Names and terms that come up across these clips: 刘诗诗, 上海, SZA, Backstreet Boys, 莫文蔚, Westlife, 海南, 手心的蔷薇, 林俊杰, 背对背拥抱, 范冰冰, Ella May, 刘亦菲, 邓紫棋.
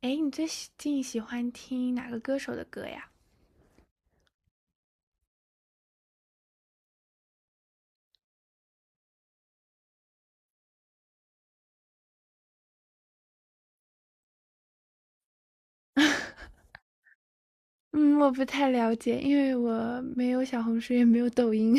哎，你最近喜欢听哪个歌手的歌呀？嗯，我不太了解，因为我没有小红书，也没有抖音。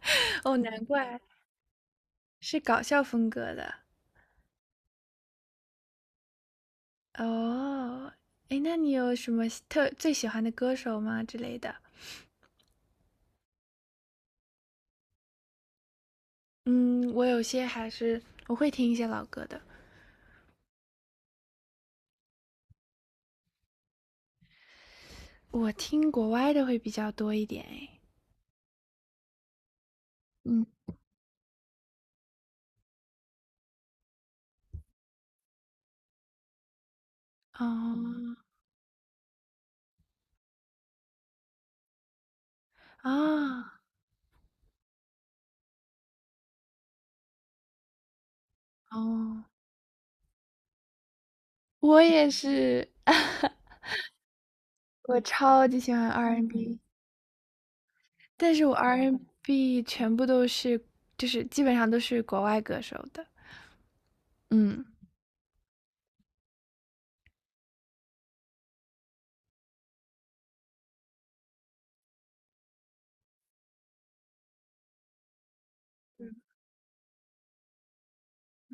哦，难怪是搞笑风格的。哦，哎，那你有什么喜特最喜欢的歌手吗之类的？嗯，我有些还是我会听一些老歌的，我听国外的会比较多一点。哎，嗯，哦，啊，哦，我也是，我超级喜欢 R&B and B。但是我r n b 全部都是就是基本上都是国外歌手的。嗯，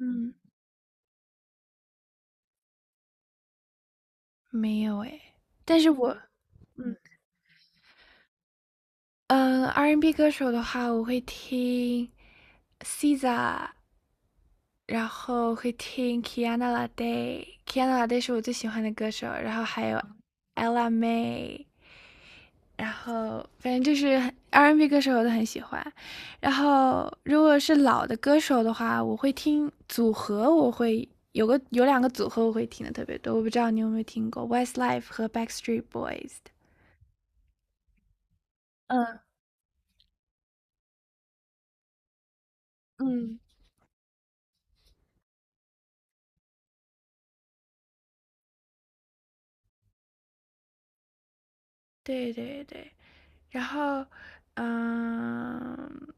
嗯。嗯没有诶。但是我嗯，R&B 歌手的话，我会听 SZA。然后会听 Kiana Lade 是我最喜欢的歌手，然后还有 Ella May，然后反正就是 R&B n 歌手我都很喜欢。然后如果是老的歌手的话，我会听组合，我会有两个组合我会听的特别多，我不知道你有没有听过 Westlife 和 Backstreet Boys 的。嗯嗯，对对对。然后，嗯，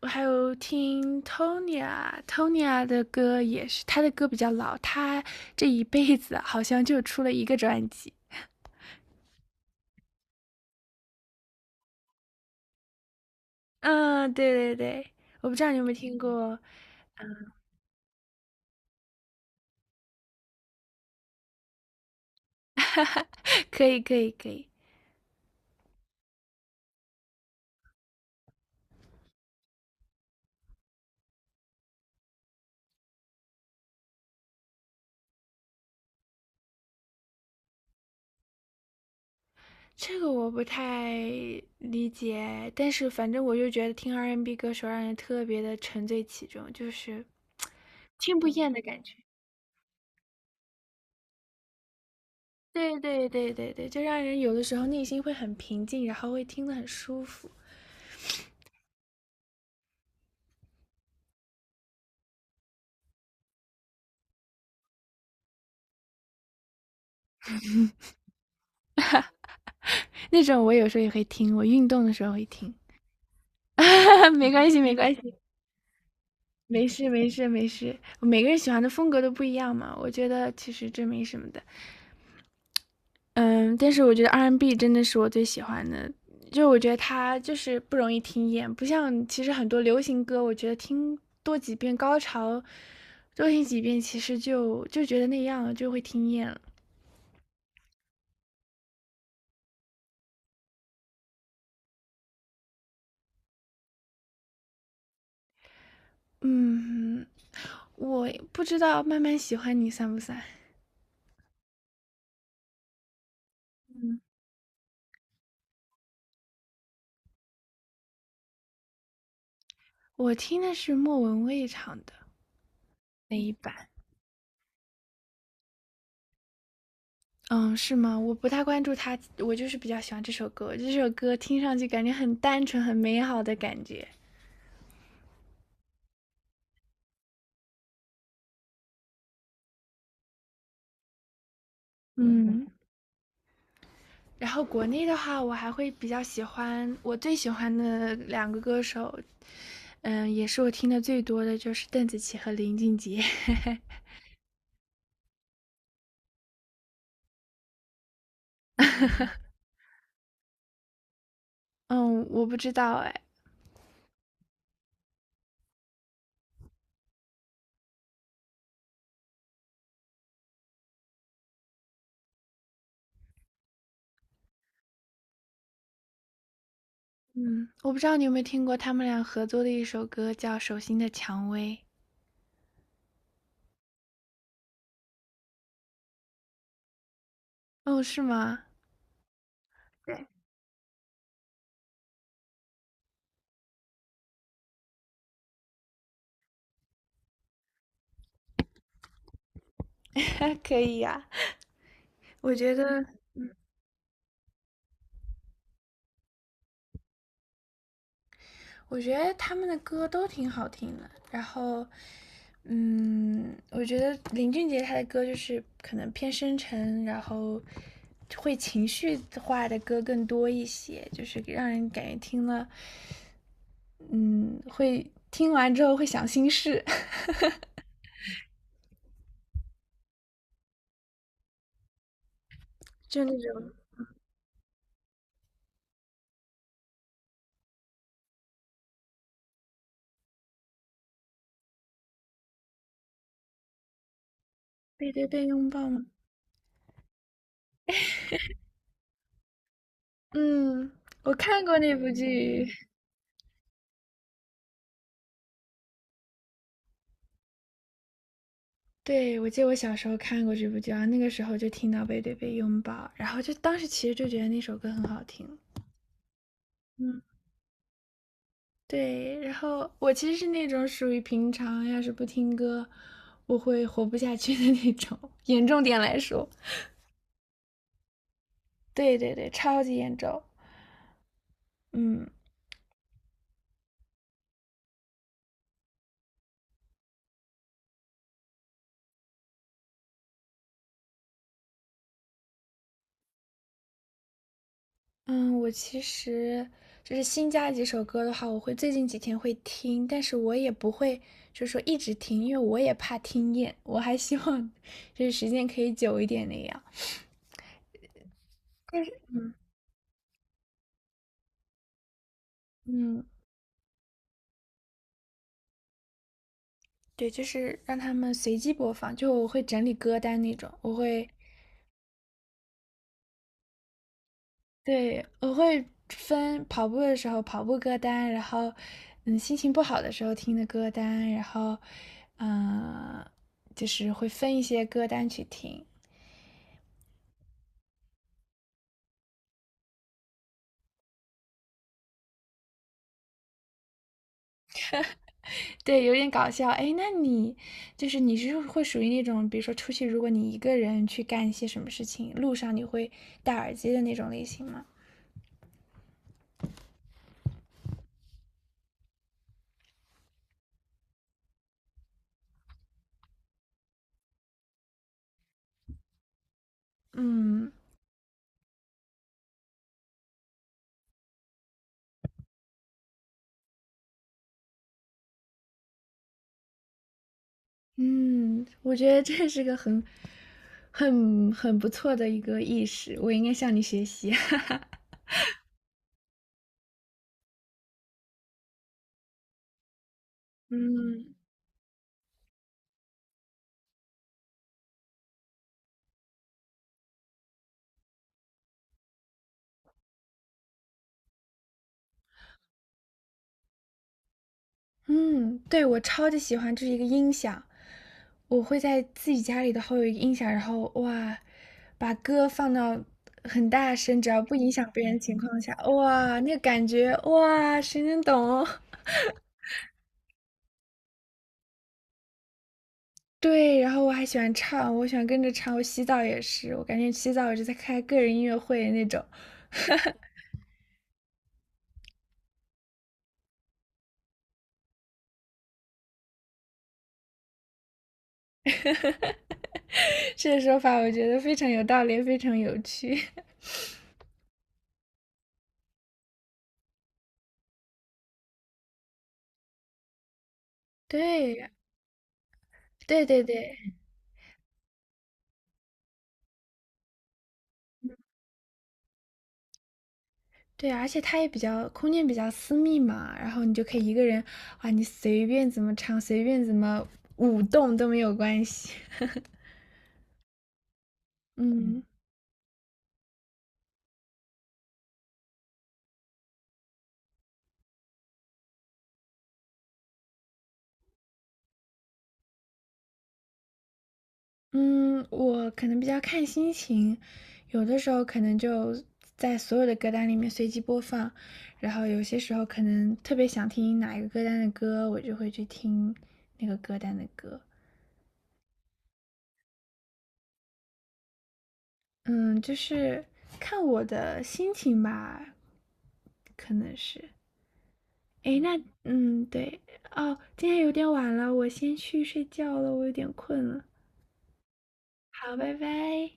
我还有听 Tonya 的歌也是，他的歌比较老，他这一辈子好像就出了一个专辑。嗯，对对对，我不知道你有没有听过，哈哈，可以可以可以，这个我不太理解，但是反正我就觉得听 R&B n 歌手让人特别的沉醉其中，就是听不厌的感觉。对对对对对，就让人有的时候内心会很平静，然后会听得很舒服。那种我有时候也会听，我运动的时候会听。没关系，没关系，没事没事没事。每个人喜欢的风格都不一样嘛，我觉得其实这没什么的。嗯，但是我觉得 R&B and B 真的是我最喜欢的，就我觉得它就是不容易听厌，不像其实很多流行歌，我觉得听多几遍高潮，多听几遍，其实就觉得那样了，就会听厌了。嗯，我不知道慢慢喜欢你算不算？我听的是莫文蔚唱的那一版，嗯，是吗？我不太关注他，我就是比较喜欢这首歌。这首歌听上去感觉很单纯、很美好的感觉。嗯，然后国内的话，我还会比较喜欢我最喜欢的两个歌手，也是我听的最多的就是邓紫棋和林俊杰 嗯，我不知道哎，嗯，我不知道你有没有听过他们俩合作的一首歌，叫《手心的蔷薇》。哦，是吗？可以呀、我觉得，我觉得他们的歌都挺好听的。然后，我觉得林俊杰他的歌就是可能偏深沉，然后会情绪化的歌更多一些，就是让人感觉听了，嗯，会听完之后会想心事，就那种背对背拥抱嘛。嗯，我看过那部剧。对，我记得我小时候看过这部剧，啊，那个时候就听到背对背拥抱，然后就当时其实就觉得那首歌很好听。嗯，对。然后我其实是那种属于平常要是不听歌，我会活不下去的那种，严重点来说。对对对，超级严重。嗯嗯，我其实就是新加几首歌的话，我会最近几天会听，但是我也不会就是说一直听，因为我也怕听厌，我还希望就是时间可以久一点那样。但是嗯，对，就是让他们随机播放，就我会整理歌单那种，对，我会分跑步的时候跑步歌单，然后，心情不好的时候听的歌单，然后，嗯、就是会分一些歌单去听。对，有点搞笑。哎，那你就是你是会属于那种，比如说出去，如果你一个人去干一些什么事情，路上你会戴耳机的那种类型吗？嗯。嗯，我觉得这是个很不错的一个意识，我应该向你学习。嗯。嗯，对，我超级喜欢这是一个音响，我会在自己家里的头有一个音响，然后哇，把歌放到很大声，只要不影响别人的情况下，哇，那个感觉，哇，谁能懂哦对，然后我还喜欢唱，我喜欢跟着唱，我洗澡也是，我感觉洗澡我就在开个人音乐会那种。这个说法我觉得非常有道理，非常有趣。对，对对对对，而且它也比较空间比较私密嘛，然后你就可以一个人，哇，你随便怎么唱，随便怎么舞动都没有关系。嗯嗯，我可能比较看心情，有的时候可能就在所有的歌单里面随机播放，然后有些时候可能特别想听哪一个歌单的歌，我就会去听那个歌单的歌。嗯，就是看我的心情吧，可能是。诶，那对哦，今天有点晚了，我先去睡觉了，我有点困了。好，拜拜。